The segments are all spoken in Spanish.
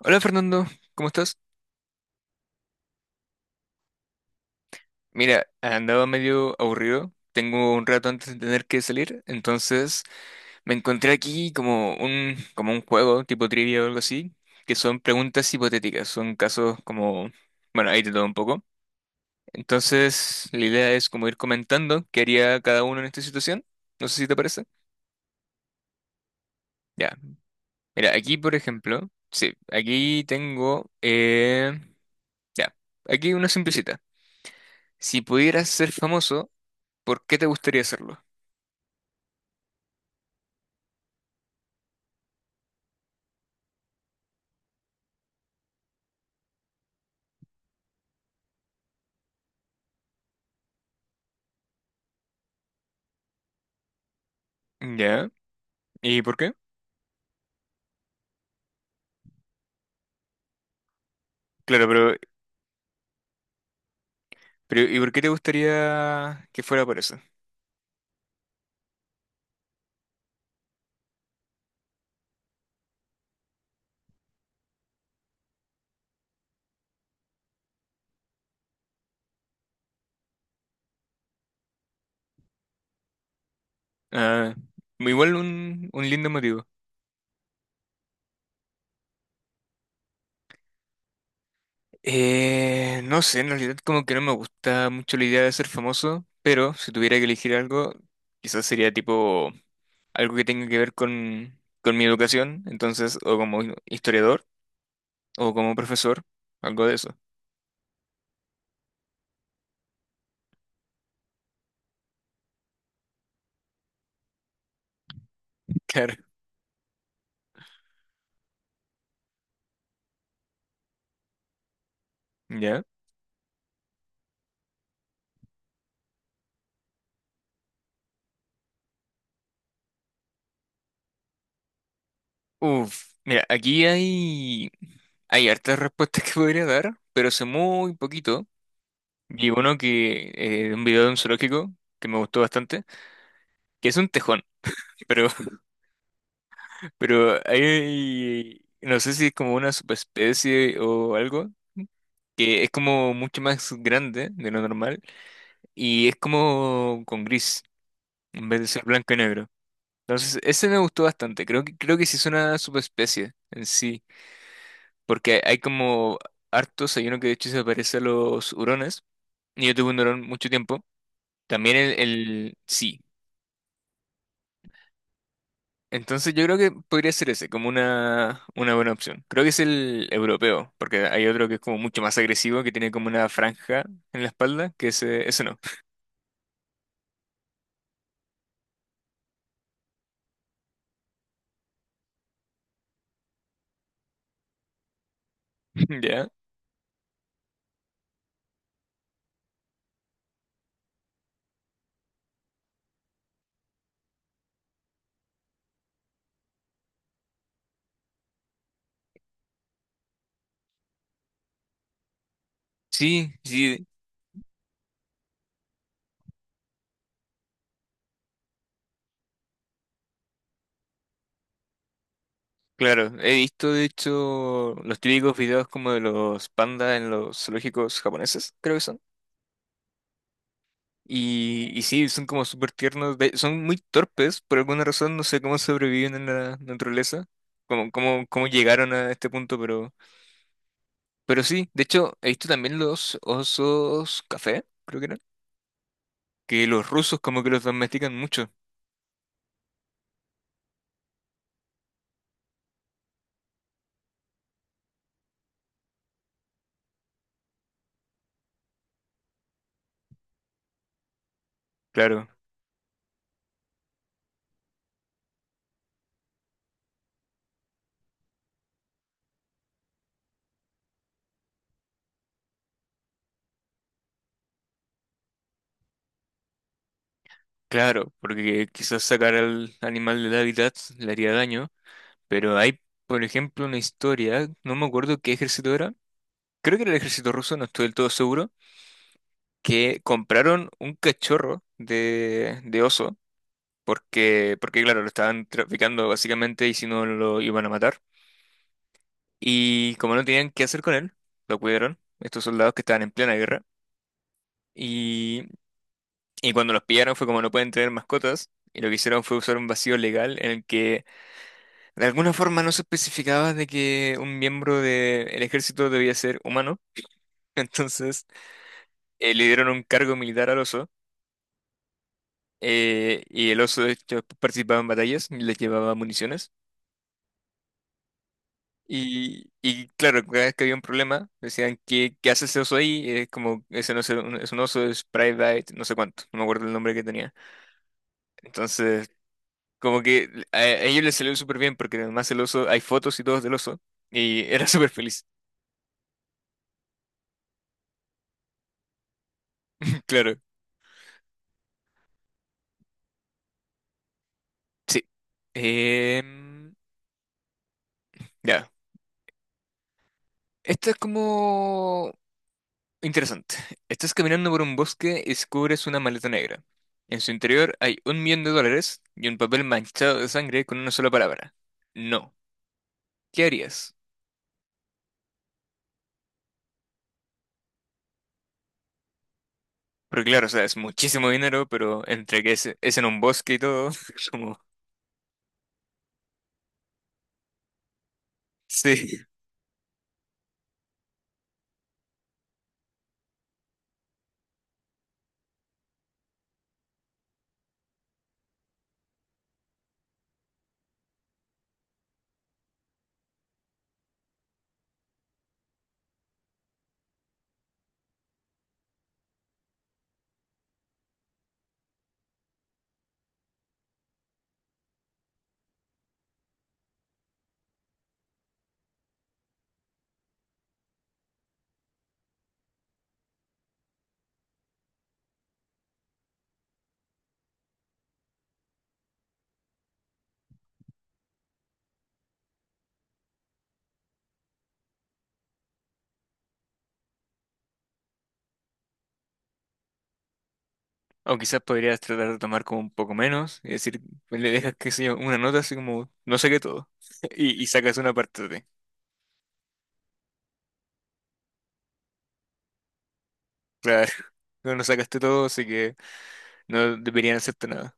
Hola Fernando, ¿cómo estás? Mira, andaba medio aburrido. Tengo un rato antes de tener que salir, entonces me encontré aquí como un juego tipo trivia o algo así, que son preguntas hipotéticas, son casos como, bueno, ahí te todo un poco. Entonces, la idea es como ir comentando qué haría cada uno en esta situación. No sé si te parece. Ya, mira, aquí por ejemplo, sí, aquí tengo, ya, aquí una simplecita. Si pudieras ser famoso, ¿por qué te gustaría hacerlo? Ya. ¿Y por qué? Claro, pero ¿y por qué te gustaría que fuera por eso? Ah, igual un lindo motivo. No sé, en realidad como que no me gusta mucho la idea de ser famoso, pero si tuviera que elegir algo, quizás sería tipo algo que tenga que ver con mi educación, entonces, o como historiador, o como profesor, algo de eso. Claro. ¿Ya? Uf, mira, hay hartas respuestas que podría dar, pero sé muy poquito vi uno que, de un video de un zoológico que me gustó bastante, que es un tejón, pero, pero hay, no sé si es como una subespecie o algo, que es como mucho más grande de lo normal y es como con gris, en vez de ser blanco y negro. Entonces, ese me gustó bastante, creo que sí es una subespecie en sí, porque hay como hartos, hay uno que de hecho se parece a los hurones, y yo tuve un hurón mucho tiempo, también el sí. Entonces yo creo que podría ser ese, como una buena opción. Creo que es el europeo, porque hay otro que es como mucho más agresivo, que tiene como una franja en la espalda, que ese no. ¿Ya? Sí, sí, claro. He visto, de hecho, los típicos videos como de los pandas en los zoológicos japoneses, creo que son. Y sí, son como súper tiernos, de- son muy torpes, por alguna razón, no sé cómo sobreviven en la naturaleza, cómo llegaron a este punto, pero sí, de hecho, he visto también los osos café, creo que eran, que los rusos como que los domestican mucho, claro, claro, porque quizás sacar al animal del hábitat le haría daño, pero hay, por ejemplo, una historia, no me acuerdo qué ejército era, creo que era el ejército ruso, no estoy del todo seguro que compraron un cachorro de oso, porque claro, lo estaban traficando básicamente y si no lo iban a matar. Y como no tenían qué hacer con él, lo cuidaron, estos soldados que estaban en plena guerra. Y, y cuando los pillaron fue como no pueden tener mascotas. Y lo que hicieron fue usar un vacío legal en el que de alguna forma no se especificaba de que un miembro del ejército debía ser humano. Entonces le dieron un cargo militar al oso, y el oso de hecho, participaba en batallas y les llevaba municiones. Y claro, cada vez que había un problema, decían, ¿qué, qué hace ese oso ahí? Es como, ese no es un, es un oso, es Private, no sé cuánto, no me acuerdo el nombre que tenía. Entonces, como que a ellos les salió súper bien, porque además el oso, hay fotos y todo del oso, y era súper feliz, claro. Sí. Em, ya. Esto es como interesante. Estás caminando por un bosque y descubres una maleta negra. En su interior hay un millón de dólares y un papel manchado de sangre con una sola palabra. No. ¿Qué harías? Porque claro, o sea, es muchísimo dinero, pero entre que es en un bosque y todo, es como... Sí. O quizás podrías tratar de tomar como un poco menos y decir, pues, le dejas, qué sé yo, una nota así como, no sé qué todo. Y, y sacas una parte de ti. Claro, no no sacaste todo, así que no deberían hacerte nada.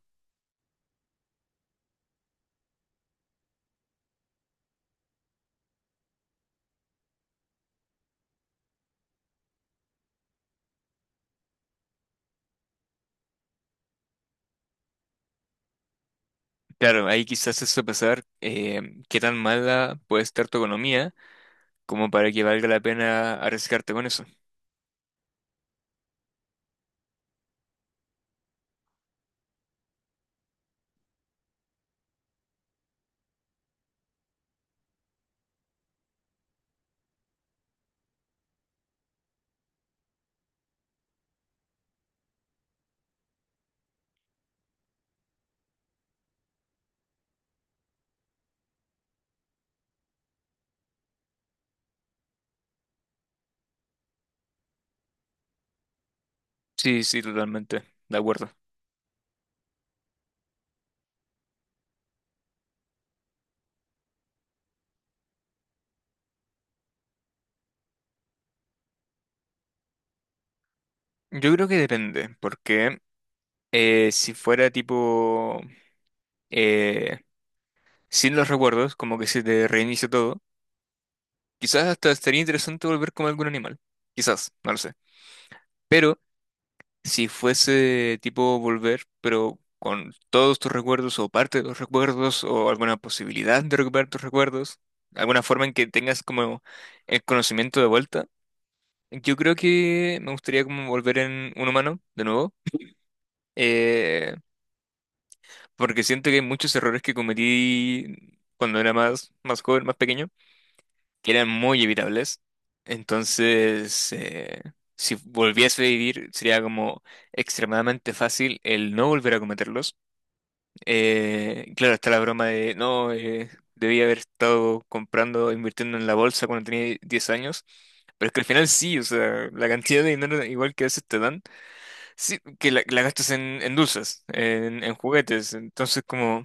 Claro, ahí quizás es sopesar qué tan mala puede estar tu economía como para que valga la pena arriesgarte con eso. Sí, sí, totalmente, de acuerdo. Yo creo que depende, porque si fuera tipo eh, sin los recuerdos, como que se te reinicia todo, quizás hasta estaría interesante volver como algún animal. Quizás, no lo sé. Pero si fuese tipo volver, pero con todos tus recuerdos o parte de los recuerdos o alguna posibilidad de recuperar tus recuerdos, alguna forma en que tengas como el conocimiento de vuelta, yo creo que me gustaría como volver en un humano de nuevo, eh, porque siento que hay muchos errores que cometí cuando era más joven, más pequeño, que eran muy evitables. Entonces, si volviese a vivir, sería como extremadamente fácil el no volver a cometerlos. Claro, está la broma de, no, debía haber estado comprando, invirtiendo en la bolsa cuando tenía 10 años. Pero es que al final sí, o sea, la cantidad de dinero igual que a veces te dan, sí, que la gastas en dulces, en juguetes. Entonces, como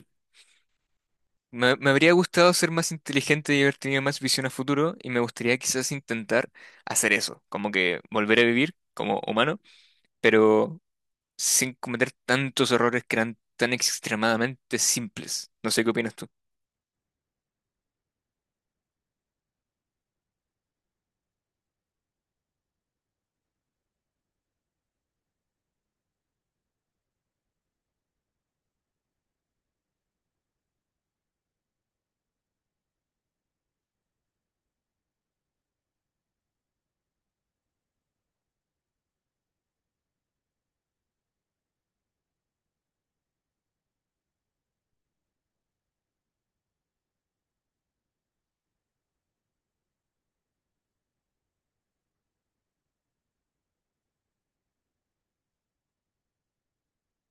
me habría gustado ser más inteligente y haber tenido más visión a futuro, y me gustaría quizás intentar hacer eso, como que volver a vivir como humano, pero sin cometer tantos errores que eran tan extremadamente simples. No sé qué opinas tú.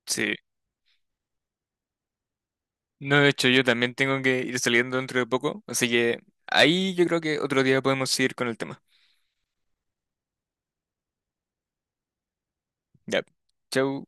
Sí, no, de hecho yo también tengo que ir saliendo dentro de poco, así que ahí yo creo que otro día podemos seguir con el tema. Ya, chau.